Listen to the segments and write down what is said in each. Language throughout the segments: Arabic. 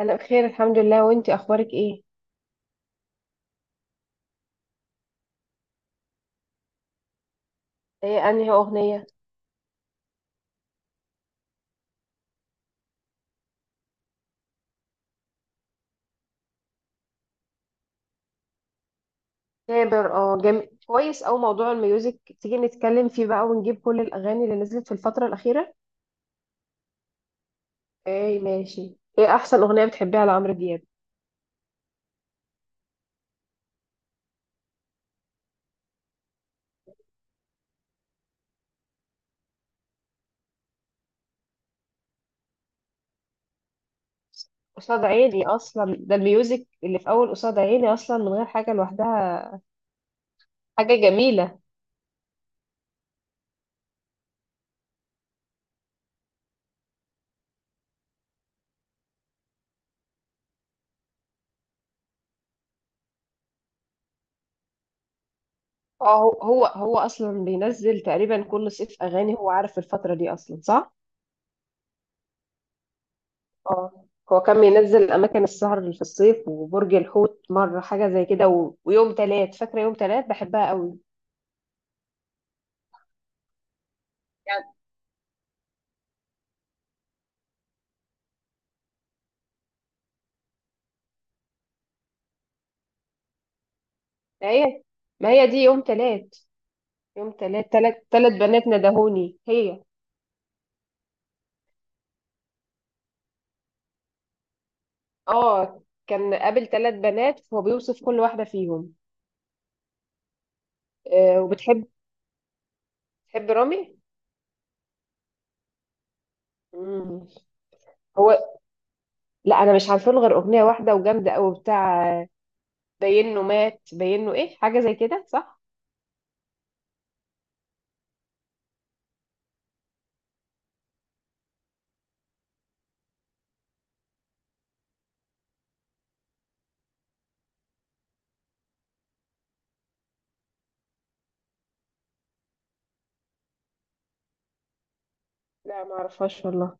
انا بخير الحمد لله، وانتي اخبارك ايه؟ ايه؟ انهي اغنيه؟ كابر، جميل كويس. او موضوع الميوزك تيجي نتكلم فيه بقى ونجيب كل الاغاني اللي نزلت في الفتره الاخيره. ايه ماشي. ايه احسن اغنيه بتحبيها لعمرو دياب؟ قصاد عيني اصلا، ده الميوزك اللي في اول قصاد عيني اصلا من غير حاجه لوحدها. حاجه جميله. اه. هو اصلا بينزل تقريبا كل صيف اغاني، هو عارف الفتره دي اصلا صح؟ اه. هو كان بينزل اماكن السهر اللي في الصيف وبرج الحوت مره، حاجه زي كده ويوم تلات. فاكره يوم تلات؟ بحبها قوي. يعني. ما هي ما هي دي يوم تلات. يوم تلات، تلات بنات ندهوني هي. اه، كان قابل تلات بنات، هو بيوصف كل واحده فيهم. آه. تحب رامي؟ مم. هو. لا، انا مش عارفه له غير اغنيه واحده وجامده قوي بتاع. باين انه مات، باين انه ايه، حاجه زي كده صح؟ لا، ما اعرفهاش والله.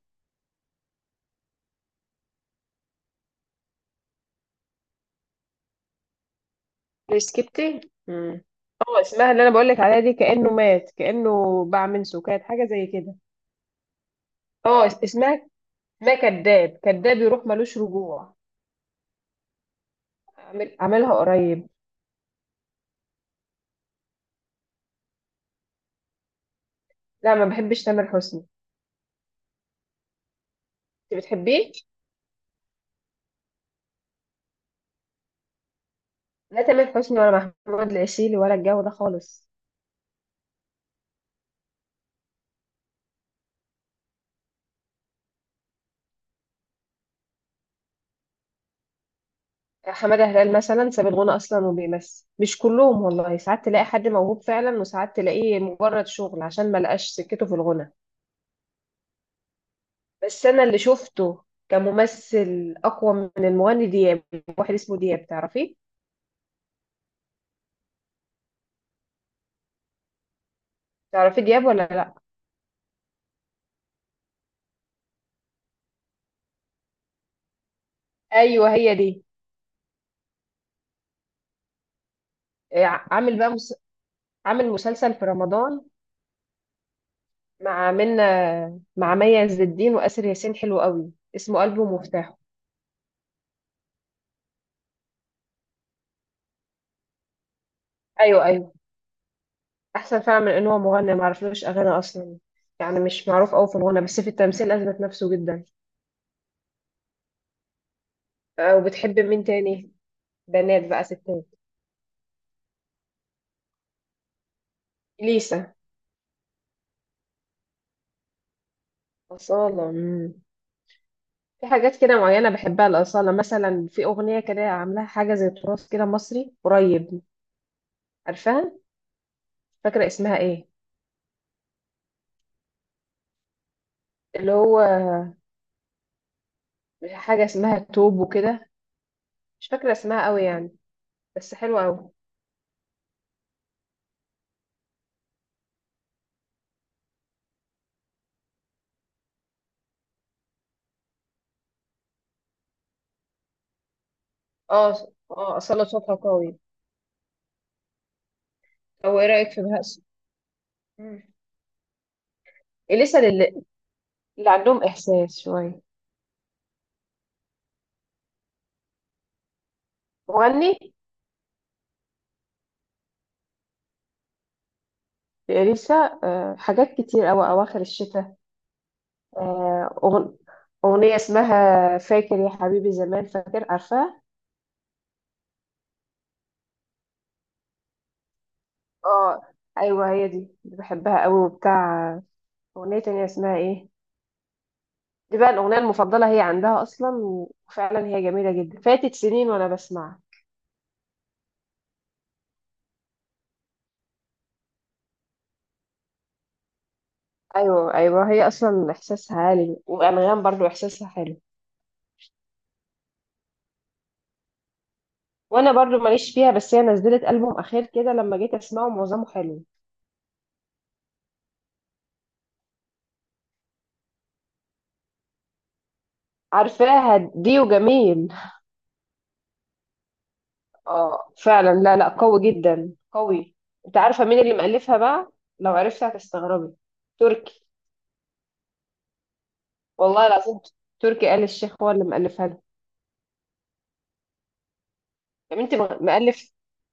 ريسكبتي. امم. اه، اسمها اللي انا بقولك عليها دي، كأنه مات كأنه باع من سكات، حاجة زي كده. اه. اسمها ما كذاب كذاب يروح ملوش رجوع. عاملها قريب. لا، ما بحبش تامر حسني. انت بتحبيه؟ لا، تامر حسني ولا محمود العسيلي ولا الجو ده خالص. حمادة هلال مثلا ساب الغنى اصلا وبيمثل. مش كلهم والله، ساعات تلاقي حد موهوب فعلا وساعات تلاقيه مجرد شغل عشان ما لقاش سكته في الغنى. بس انا اللي شفته كممثل اقوى من المغني دياب. واحد اسمه دياب، تعرفيه؟ تعرفي دياب ولا لا؟ ايوه، هي دي. إيه، عامل بقى عامل مسلسل في رمضان. مع منة. مع مي عز الدين واسر ياسين، حلو قوي، اسمه قلبه ومفتاحه. ايوه، ايوه. احسن فعلا من ان هو مغني، ما اعرفلوش اغاني اصلا. يعني مش معروف قوي في الغنى، بس في التمثيل اثبت نفسه جدا. آه، وبتحب مين تاني؟ بنات بقى ستات؟ ليسا. أصالة. مم. في حاجات كده معينة بحبها لأصالة، مثلا في أغنية كده عاملاها حاجة زي تراث كده مصري قريب. عارفاها؟ مش فاكرة اسمها ايه. اللي هو حاجة اسمها توب وكده، مش فاكرة اسمها قوي يعني. بس حلوة قوي. اه، اه. أصالة صوتها قوي. أو ايه رأيك في بهاء؟ مم. إليسا اللي، اللي عندهم إحساس شوية. مغني. لإليسا. آه، حاجات كتير أوي، أواخر الشتاء. آه، أغنية اسمها فاكر يا حبيبي زمان، فاكر، عارفاها؟ اه، ايوه هي دي. دي بحبها قوي وبتاع. اغنيه تانية اسمها ايه، دي بقى الاغنيه المفضله هي عندها اصلا. وفعلا هي جميله جدا، فاتت سنين وانا بسمعها. ايوه، ايوه. هي اصلا احساسها عالي، وانغام برضو احساسها حلو. وانا برضو ماليش فيها، بس هي نزلت البوم اخير كده لما جيت اسمعه معظمه حلو. عارفاها دي، وجميل. اه فعلا، لا لا، قوي جدا قوي. انت عارفه مين اللي مألفها بقى؟ لو عرفت هتستغربي. تركي. والله العظيم. تركي آل الشيخ هو اللي مألفها له. يعني انت. مألف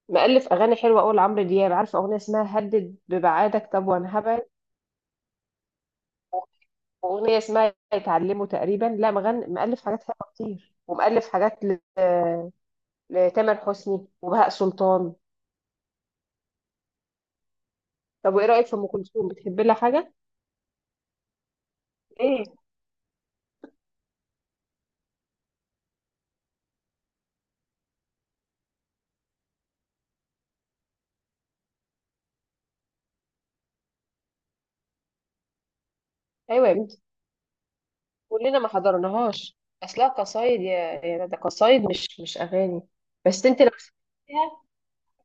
مألف أغاني حلوة أوي لعمرو دياب. عارفة أغنية اسمها هدد ببعادك، طب وأنا هبعد؟ وأغنية اسمها يتعلموا تقريبا. لا، مغني مألف حاجات حلوة كتير، ومألف حاجات لتامر حسني وبهاء سلطان. طب وإيه رأيك في أم كلثوم، بتحبي لها حاجة؟ إيه؟ أيوة يا بنتي. كلنا ما حضرناهاش. أصلها قصايد، يا ده قصايد مش أغاني. بس أنت لو سمعتيها.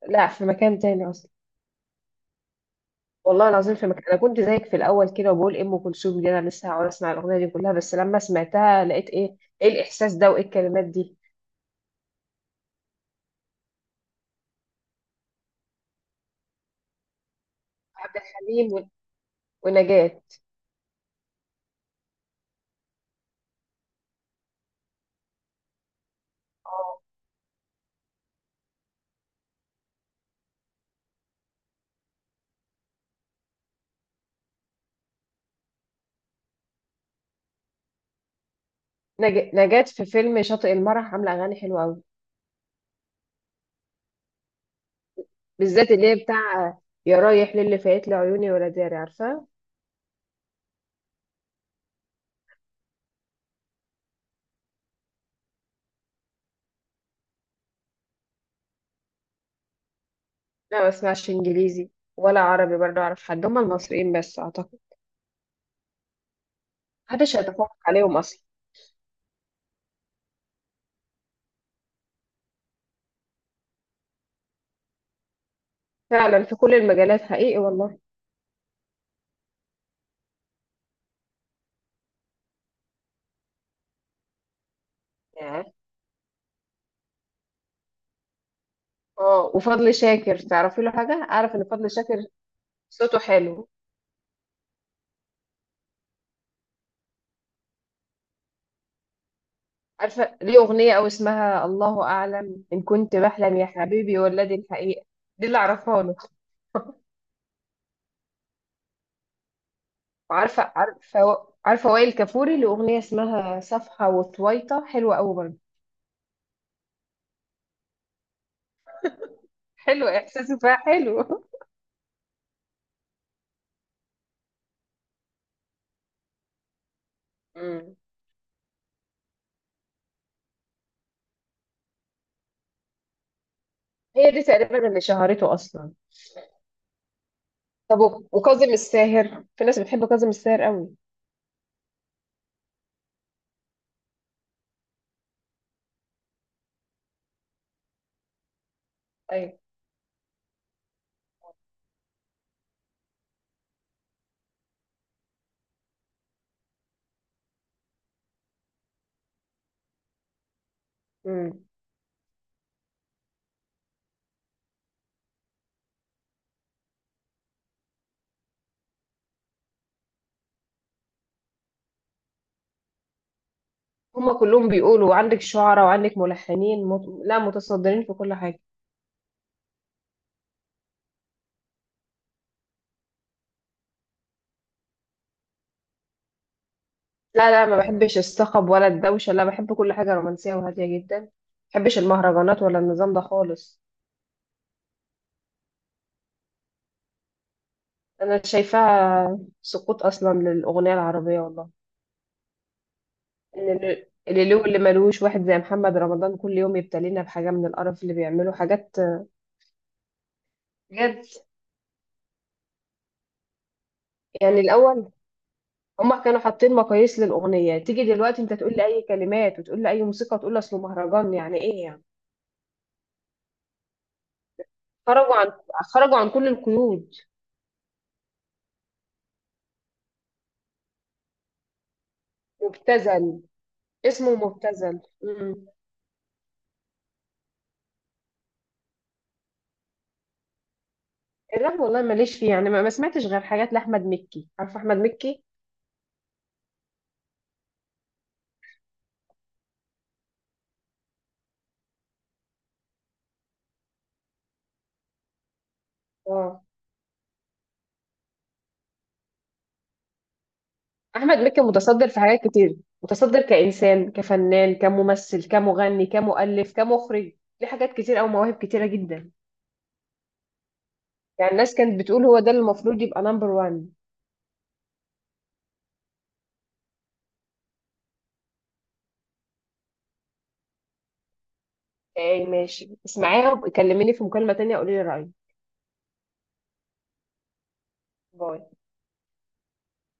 لا، في مكان تاني أصلا. والله العظيم في مكان. انا كنت زيك في الاول كده وبقول إيه، ام كلثوم دي انا لسه هقعد اسمع الاغنيه دي كلها؟ بس لما سمعتها لقيت ايه. ايه الاحساس ده وايه الكلمات دي؟ عبد الحليم ونجاة. اه، نجاة في فيلم شاطئ المرح عامله اغاني حلوه قوي. بالذات اللي هي بتاع يا رايح للي فايت لي عيوني ولا داري، عارفه؟ لا، ما اسمعش انجليزي ولا عربي برضه، اعرف حد؟ هم المصريين بس اعتقد، محدش هيتفوق عليهم اصلا. فعلا في كل المجالات حقيقي والله. ياه. اه، وفضل شاكر تعرفي له حاجه؟ اعرف ان فضل شاكر صوته حلو. عارفة ليه أغنية، أو اسمها الله أعلم إن كنت بحلم يا حبيبي ولا دي الحقيقة. دي اللي أعرفها له. وعارفة عارفة عارفة وائل كفوري له أغنية اسمها صفحة وطويطة، حلوة أوي برضه. حلو، إحساسه فيها حلو. مم. هي دي تقريبا اللي شهرته أصلا. طب وكاظم الساهر، في ناس بتحب كاظم الساهر قوي. أيوة. مم. هما كلهم بيقولوا عندك شعراء وعندك ملحنين لا متصدرين في كل حاجة. لا، لا، ما بحبش الصخب ولا الدوشة. لا، بحب كل حاجة رومانسية وهادية جدا، ما بحبش المهرجانات ولا النظام ده خالص. أنا شايفاها سقوط أصلا للأغنية العربية والله. إن اللي له، اللي ملوش، واحد زي محمد رمضان كل يوم يبتلينا بحاجة من القرف اللي بيعمله حاجات. بجد. يعني الأول هما كانوا حاطين مقاييس للأغنية، تيجي دلوقتي أنت تقول لي أي كلمات وتقول لي أي موسيقى وتقول لي أصله مهرجان، يعني إيه يعني؟ خرجوا عن خرجوا عن كل القيود. مبتذل. اسمه مبتذل. الراب والله ماليش فيه، يعني ما سمعتش غير حاجات لاحمد مكي. عارف احمد مكي؟ اه. احمد مكي متصدر في حاجات كتير، متصدر كانسان كفنان كممثل كمغني كمؤلف كمخرج. ليه حاجات كتير او مواهب كتيره جدا. يعني الناس كانت بتقول هو ده اللي المفروض يبقى نمبر وان. ايه ماشي، اسمعيها وكلميني في مكالمه تانية قولي لي رايك. باي.